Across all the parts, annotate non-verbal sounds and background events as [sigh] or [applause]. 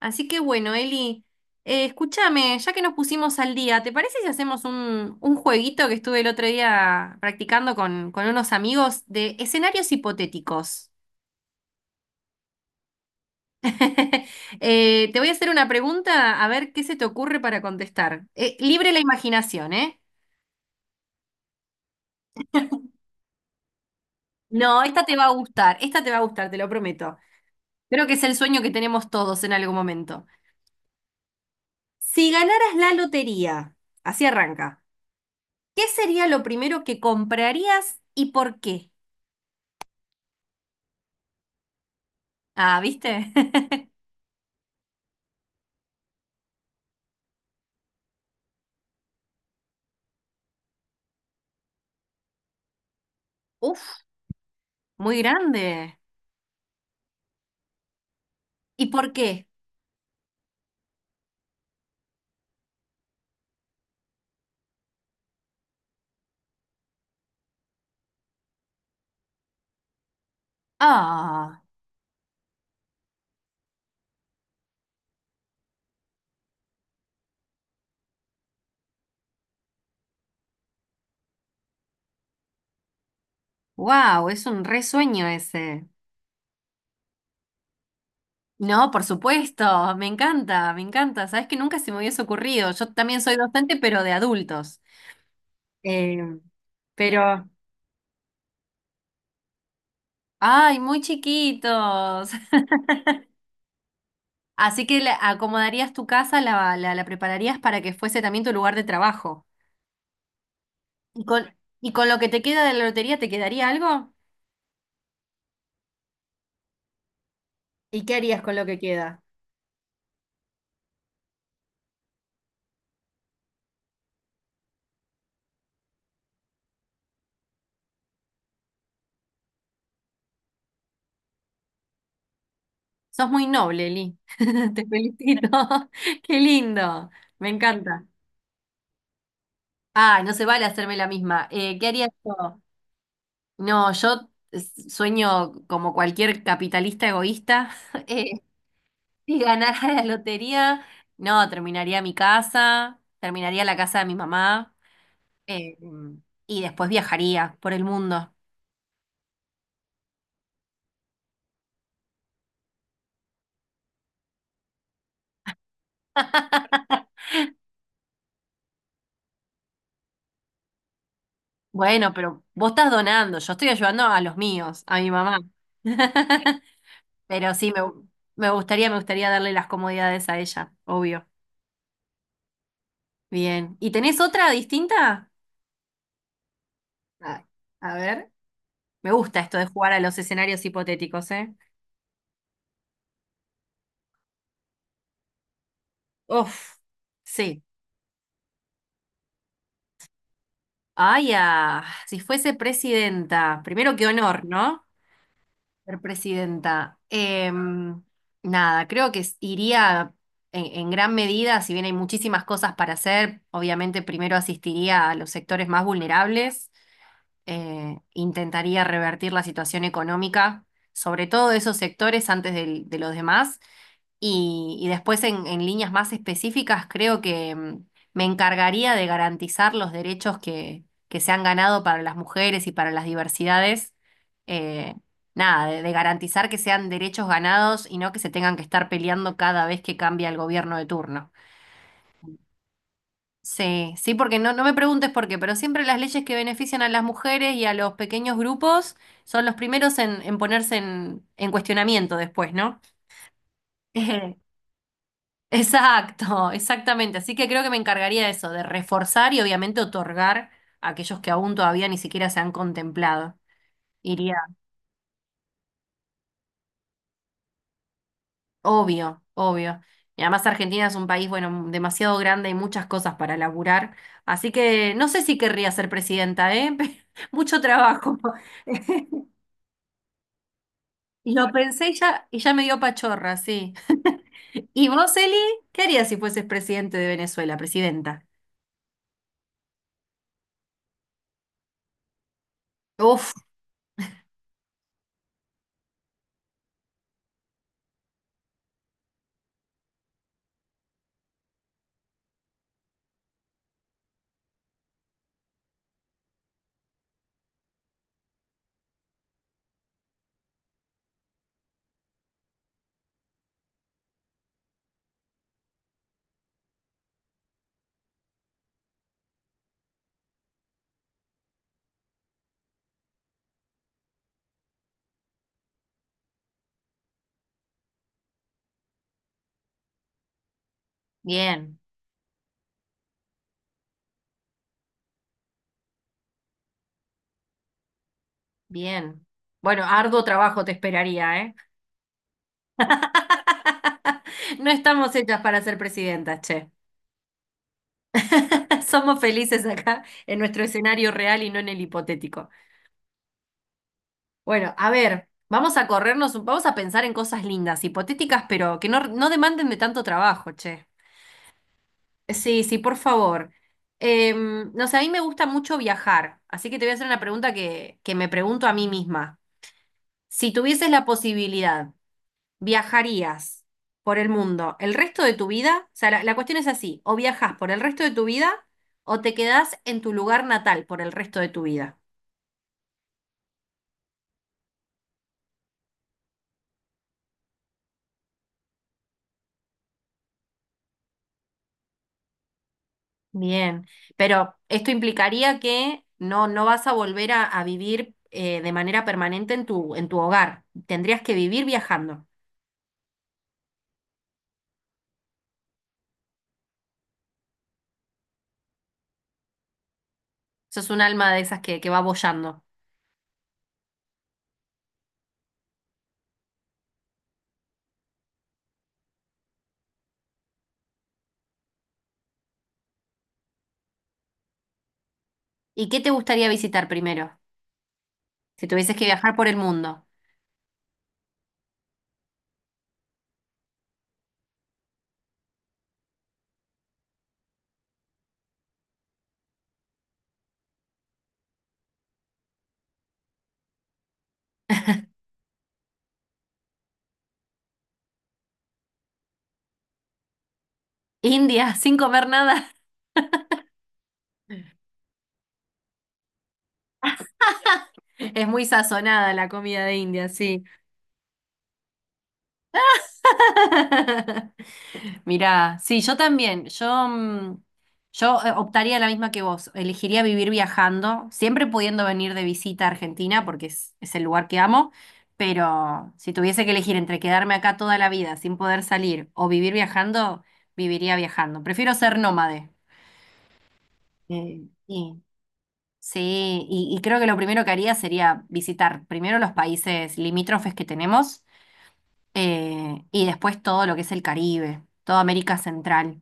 Así que bueno, Eli, escúchame, ya que nos pusimos al día, ¿te parece si hacemos un jueguito que estuve el otro día practicando con unos amigos de escenarios hipotéticos? [laughs] Te voy a hacer una pregunta, a ver qué se te ocurre para contestar. Libre la imaginación, ¿eh? No, esta te va a gustar, esta te va a gustar, te lo prometo. Creo que es el sueño que tenemos todos en algún momento. Si ganaras la lotería, así arranca, ¿qué sería lo primero que comprarías y por qué? Ah, ¿viste? [laughs] Uf, muy grande. ¿Y por qué? Ah, wow, es un resueño ese. No, por supuesto, me encanta, me encanta. Sabes que nunca se me hubiese ocurrido. Yo también soy docente, pero de adultos. Eh, pero, ay, muy chiquitos. [laughs] Así que le acomodarías tu casa, la prepararías para que fuese también tu lugar de trabajo. ¿Y y con lo que te queda de la lotería, te quedaría algo? ¿Y qué harías con lo que queda? Sos muy noble, Li. [laughs] Te felicito. [laughs] Qué lindo. Me encanta. Ah, no se vale hacerme la misma. ¿Qué haría yo? No, sueño como cualquier capitalista egoísta. [laughs] Eh, si ganara la lotería, no, terminaría mi casa, terminaría la casa de mi mamá, eh, y después viajaría por el mundo. [laughs] Bueno, pero vos estás donando, yo estoy ayudando a los míos, a mi mamá. [laughs] Pero sí, me gustaría darle las comodidades a ella, obvio. Bien. ¿Y tenés otra distinta? A, a ver. Me gusta esto de jugar a los escenarios hipotéticos, ¿eh? Uf, sí. Ay, ah, si fuese presidenta, primero qué honor, ¿no? Ser presidenta. Em, nada, creo que iría en gran medida, si bien hay muchísimas cosas para hacer, obviamente primero asistiría a los sectores más vulnerables, intentaría revertir la situación económica, sobre todo de esos sectores antes de los demás. Y después en líneas más específicas, creo que me encargaría de garantizar los derechos que se han ganado para las mujeres y para las diversidades. Eh, nada, de garantizar que sean derechos ganados y no que se tengan que estar peleando cada vez que cambia el gobierno de turno. Sí, sí, porque no me preguntes por qué, pero siempre las leyes que benefician a las mujeres y a los pequeños grupos son los primeros en ponerse en cuestionamiento después, ¿no? [laughs] Exacto, exactamente. Así que creo que me encargaría de eso, de reforzar y obviamente otorgar a aquellos que aún todavía ni siquiera se han contemplado. Iría, obvio, obvio. Y además Argentina es un país, bueno, demasiado grande y muchas cosas para laburar. Así que no sé si querría ser presidenta, ¿eh? [laughs] Mucho trabajo. [laughs] Y lo pensé y ya me dio pachorra, sí. [laughs] ¿Y vos, Eli, qué harías si fueses presidente de Venezuela, presidenta? Uf, bien, bien. Bueno, arduo trabajo te esperaría, ¿eh? [laughs] No estamos hechas para ser presidentas, che. [laughs] Somos felices acá en nuestro escenario real y no en el hipotético. Bueno, a ver, vamos a corrernos, vamos a pensar en cosas lindas, hipotéticas, pero que no demanden de tanto trabajo, che. Sí, sí, por favor. Em, no sé, a mí me gusta mucho viajar, así que te voy a hacer una pregunta que me pregunto a mí misma. Si tuvieses la posibilidad, ¿viajarías por el mundo el resto de tu vida? O sea, la cuestión es así, o viajas por el resto de tu vida o te quedás en tu lugar natal por el resto de tu vida. Bien, pero esto implicaría que no vas a volver a vivir, de manera permanente en en tu hogar. Tendrías que vivir viajando. Sos un alma de esas que va boyando. ¿Y qué te gustaría visitar primero? Si tuvieses que viajar por el mundo. India, [laughs] sin comer nada. [laughs] Es muy sazonada la comida de India, sí. [laughs] Mirá, sí, yo también. Yo, yo optaría la misma que vos. Elegiría vivir viajando, siempre pudiendo venir de visita a Argentina, porque es el lugar que amo. Pero si tuviese que elegir entre quedarme acá toda la vida sin poder salir o vivir viajando, viviría viajando. Prefiero ser nómade. Sí, sí, y creo que lo primero que haría sería visitar primero los países limítrofes que tenemos, y después todo lo que es el Caribe, toda América Central.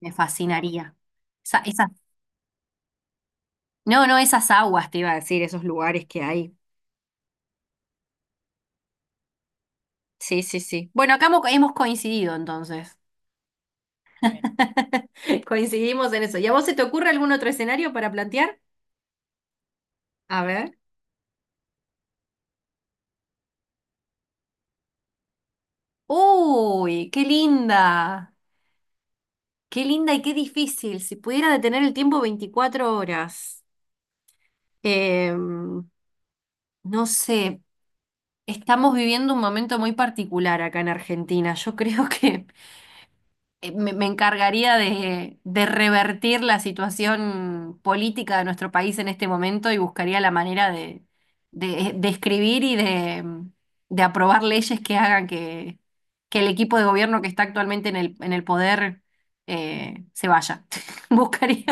Me fascinaría. Esa- esa- no, no, esas aguas te iba a decir, esos lugares que hay. Sí, sí, sí. Bueno, acá hemos coincidido entonces. [laughs] Coincidimos en eso. ¿Y a vos se te ocurre algún otro escenario para plantear? A ver. Uy, qué linda. Qué linda y qué difícil. Si pudiera detener el tiempo 24 horas. Em, no sé, estamos viviendo un momento muy particular acá en Argentina. Yo creo que me encargaría de revertir la situación política de nuestro país en este momento y buscaría la manera de escribir y de aprobar leyes que hagan que el equipo de gobierno que está actualmente en en el poder, se vaya. [laughs] Buscaría.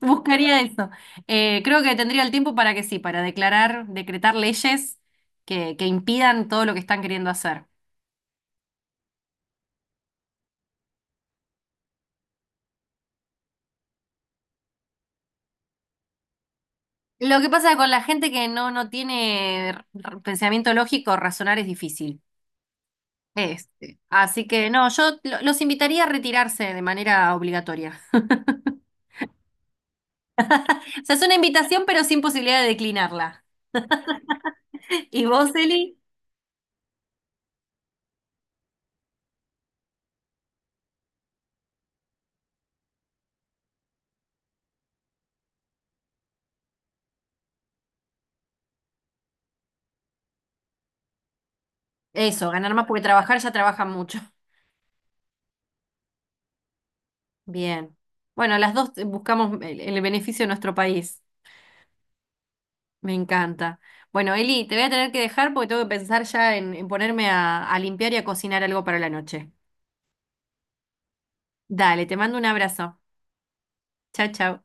Buscaría eso. Creo que tendría el tiempo para que sí, para declarar, decretar leyes que impidan todo lo que están queriendo hacer. Lo que pasa con la gente que no tiene pensamiento lógico, razonar es difícil. Este. Así que no, los invitaría a retirarse de manera obligatoria. [laughs] O sea, es una invitación, pero sin posibilidad de declinarla. [laughs] ¿Y vos, Eli? Eso, ganar más porque trabajar ya trabajan mucho. Bien. Bueno, las dos, buscamos el beneficio de nuestro país. Me encanta. Bueno, Eli, te voy a tener que dejar porque tengo que pensar ya en ponerme a limpiar y a cocinar algo para la noche. Dale, te mando un abrazo. Chao, chao.